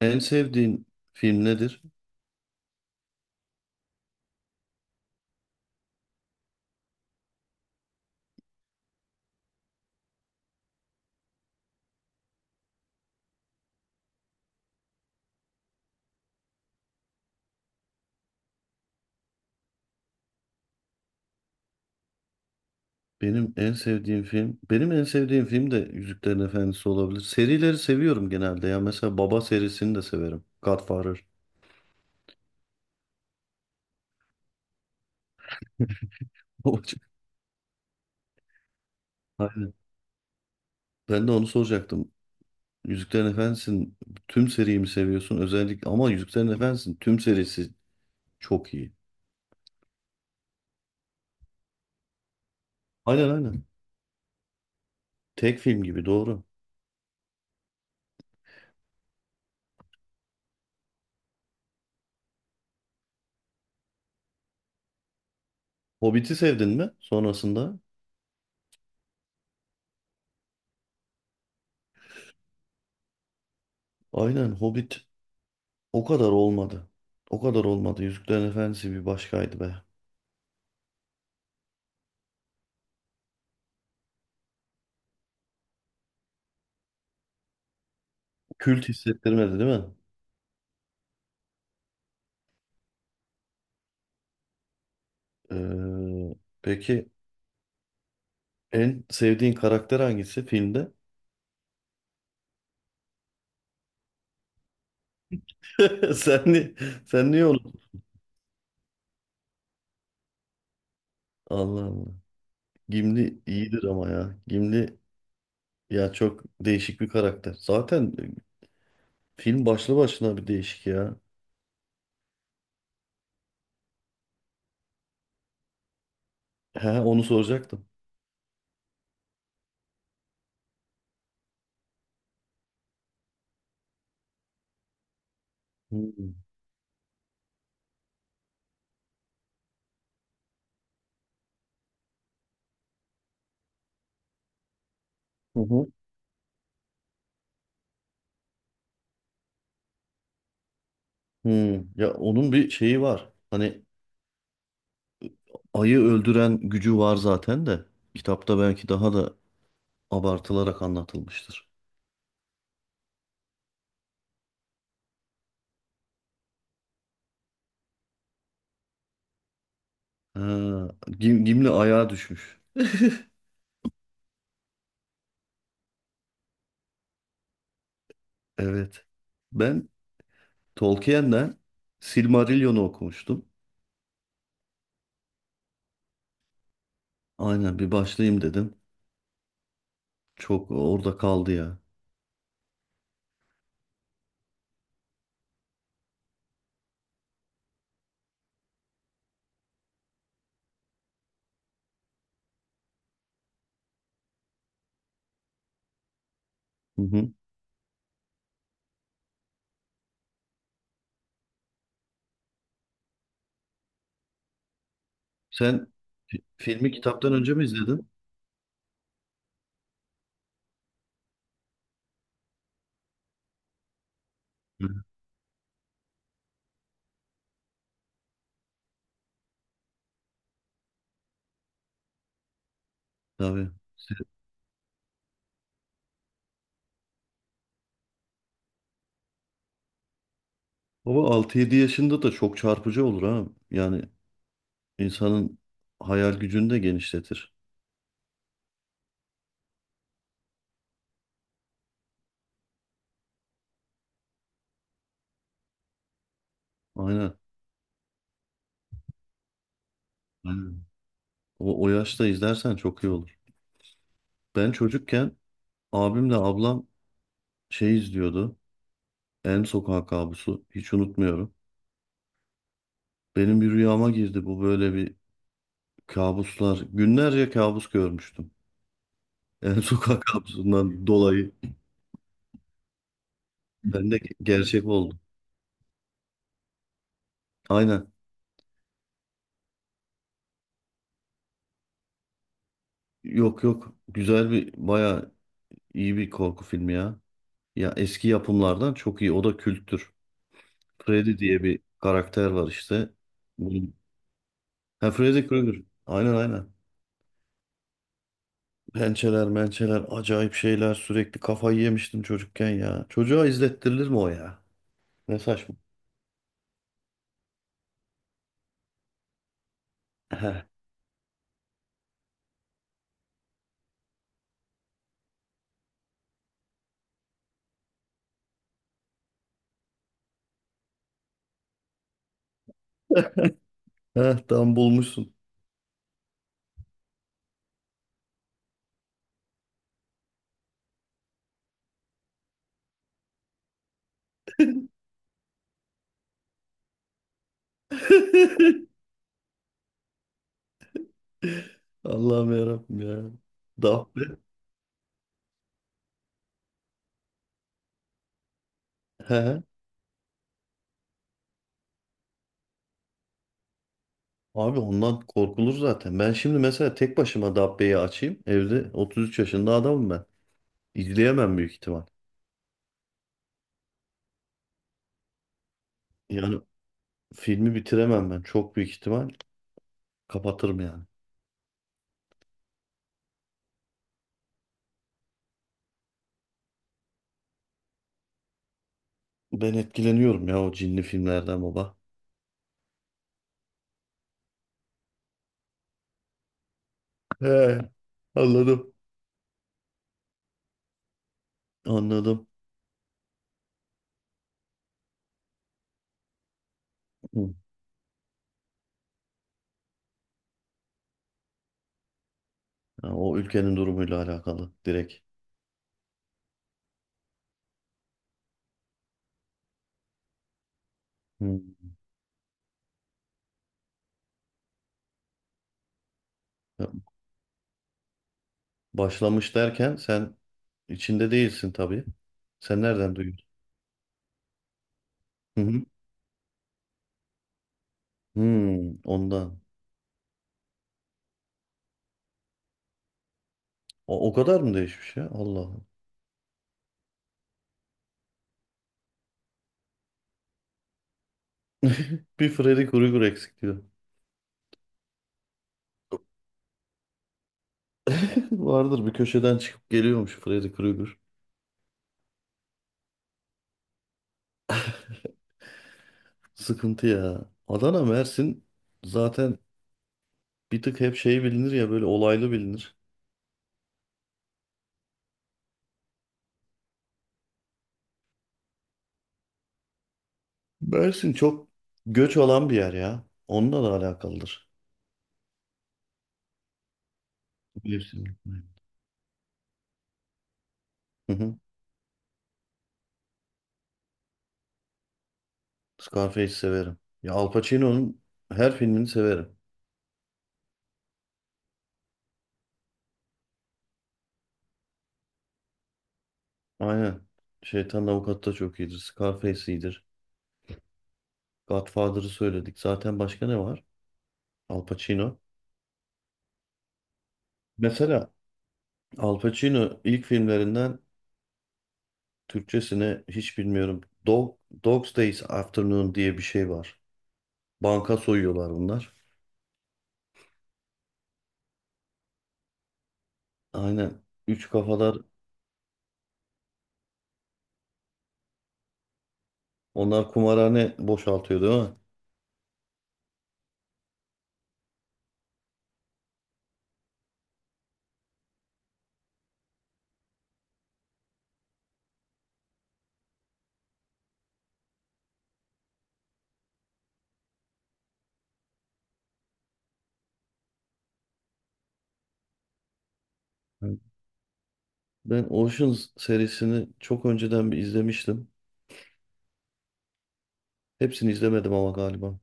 En sevdiğin film nedir? Benim en sevdiğim film de Yüzüklerin Efendisi olabilir. Serileri seviyorum genelde ya. Mesela Baba serisini de severim. Godfather. Aynen. Ben de onu soracaktım. Yüzüklerin Efendisi'nin tüm seriyi mi seviyorsun? Özellikle ama Yüzüklerin Efendisi'nin tüm serisi çok iyi. Aynen, aynen. Tek film gibi, doğru. Hobbit'i sevdin mi sonrasında? Aynen, Hobbit o kadar olmadı. O kadar olmadı. Yüzüklerin Efendisi bir başkaydı be. Kült hissettirmedi, değil mi? Ee, peki en sevdiğin karakter hangisi filmde? Sen ni Sen niye onu? Allah Allah. Gimli iyidir ama ya. Gimli ya, çok değişik bir karakter. Zaten film başlı başına bir değişik ya. He, onu soracaktım. Hmm. Hı hı. Hmm. Ya, onun bir şeyi var. Hani ayı öldüren gücü var zaten de. Kitapta belki daha da abartılarak anlatılmıştır. Ha, Gimli ayağa düşmüş. Evet. Ben Tolkien'den Silmarillion'u okumuştum. Aynen, bir başlayayım dedim. Çok orada kaldı ya. Hı hı. Sen filmi kitaptan önce mi izledin? Hı, tabii. Se- Baba altı yedi yaşında da çok çarpıcı olur ha. Yani insanın hayal gücünü de genişletir. Aynen. Aynen. O, o yaşta izlersen çok iyi olur. Ben çocukken abimle ablam şey izliyordu. Elm Sokağı Kabusu. Hiç unutmuyorum. Benim bir rüyama girdi bu, böyle bir kabuslar. Günlerce kabus görmüştüm. Yani sokak kabusundan dolayı. Ben de gerçek oldu. Aynen. Yok yok. Güzel bir, bayağı iyi bir korku filmi ya. Ya eski yapımlardan çok iyi. O da kültür. Freddy diye bir karakter var işte. Bunun... Ha, Freddy Krueger. Aynen, aynen. Pençeler, mençeler, acayip şeyler. Sürekli kafayı yemiştim çocukken ya. Çocuğa izlettirilir mi o ya? Ne saçma. Heh, heh, tam bulmuşsun. Allah'ım, yarabbim ya. Dabbe. He. He. Abi ondan korkulur zaten. Ben şimdi mesela tek başıma Dabbe'yi açayım. Evde 33 yaşında adamım ben. İzleyemem büyük ihtimal. Yani filmi bitiremem ben. Çok büyük ihtimal kapatırım yani. Ben etkileniyorum ya o cinli filmlerden baba. He. Anladım. Anladım. Hı. Ya o ülkenin durumuyla alakalı direkt. Hı. Ya, başlamış derken sen içinde değilsin tabii. Sen nereden duydun? Hmm, ondan. O, o kadar mı değişmiş ya? Allah Allah. Bir Freddy Krueger eksik diyor. Vardır, bir köşeden çıkıp geliyormuş Freddy Krueger. Sıkıntı ya. Adana, Mersin zaten bir tık hep şey bilinir ya, böyle olaylı bilinir. Mersin çok göç alan bir yer ya. Onunla da alakalıdır. Mevsimlik. Hı hı. Scarface'i severim. Ya Al Pacino'nun her filmini severim. Aynen. Şeytan Avukat da çok iyidir. Scarface iyidir. Godfather'ı söyledik. Zaten başka ne var? Al Pacino. Mesela Al Pacino ilk filmlerinden, Türkçesine hiç bilmiyorum. Dog, Dog's Days Afternoon diye bir şey var. Banka soyuyorlar bunlar. Aynen. Üç kafalar onlar, kumarhane boşaltıyor değil mi? Evet. Ben Oceans serisini çok önceden bir izlemiştim. Hepsini izlemedim ama galiba.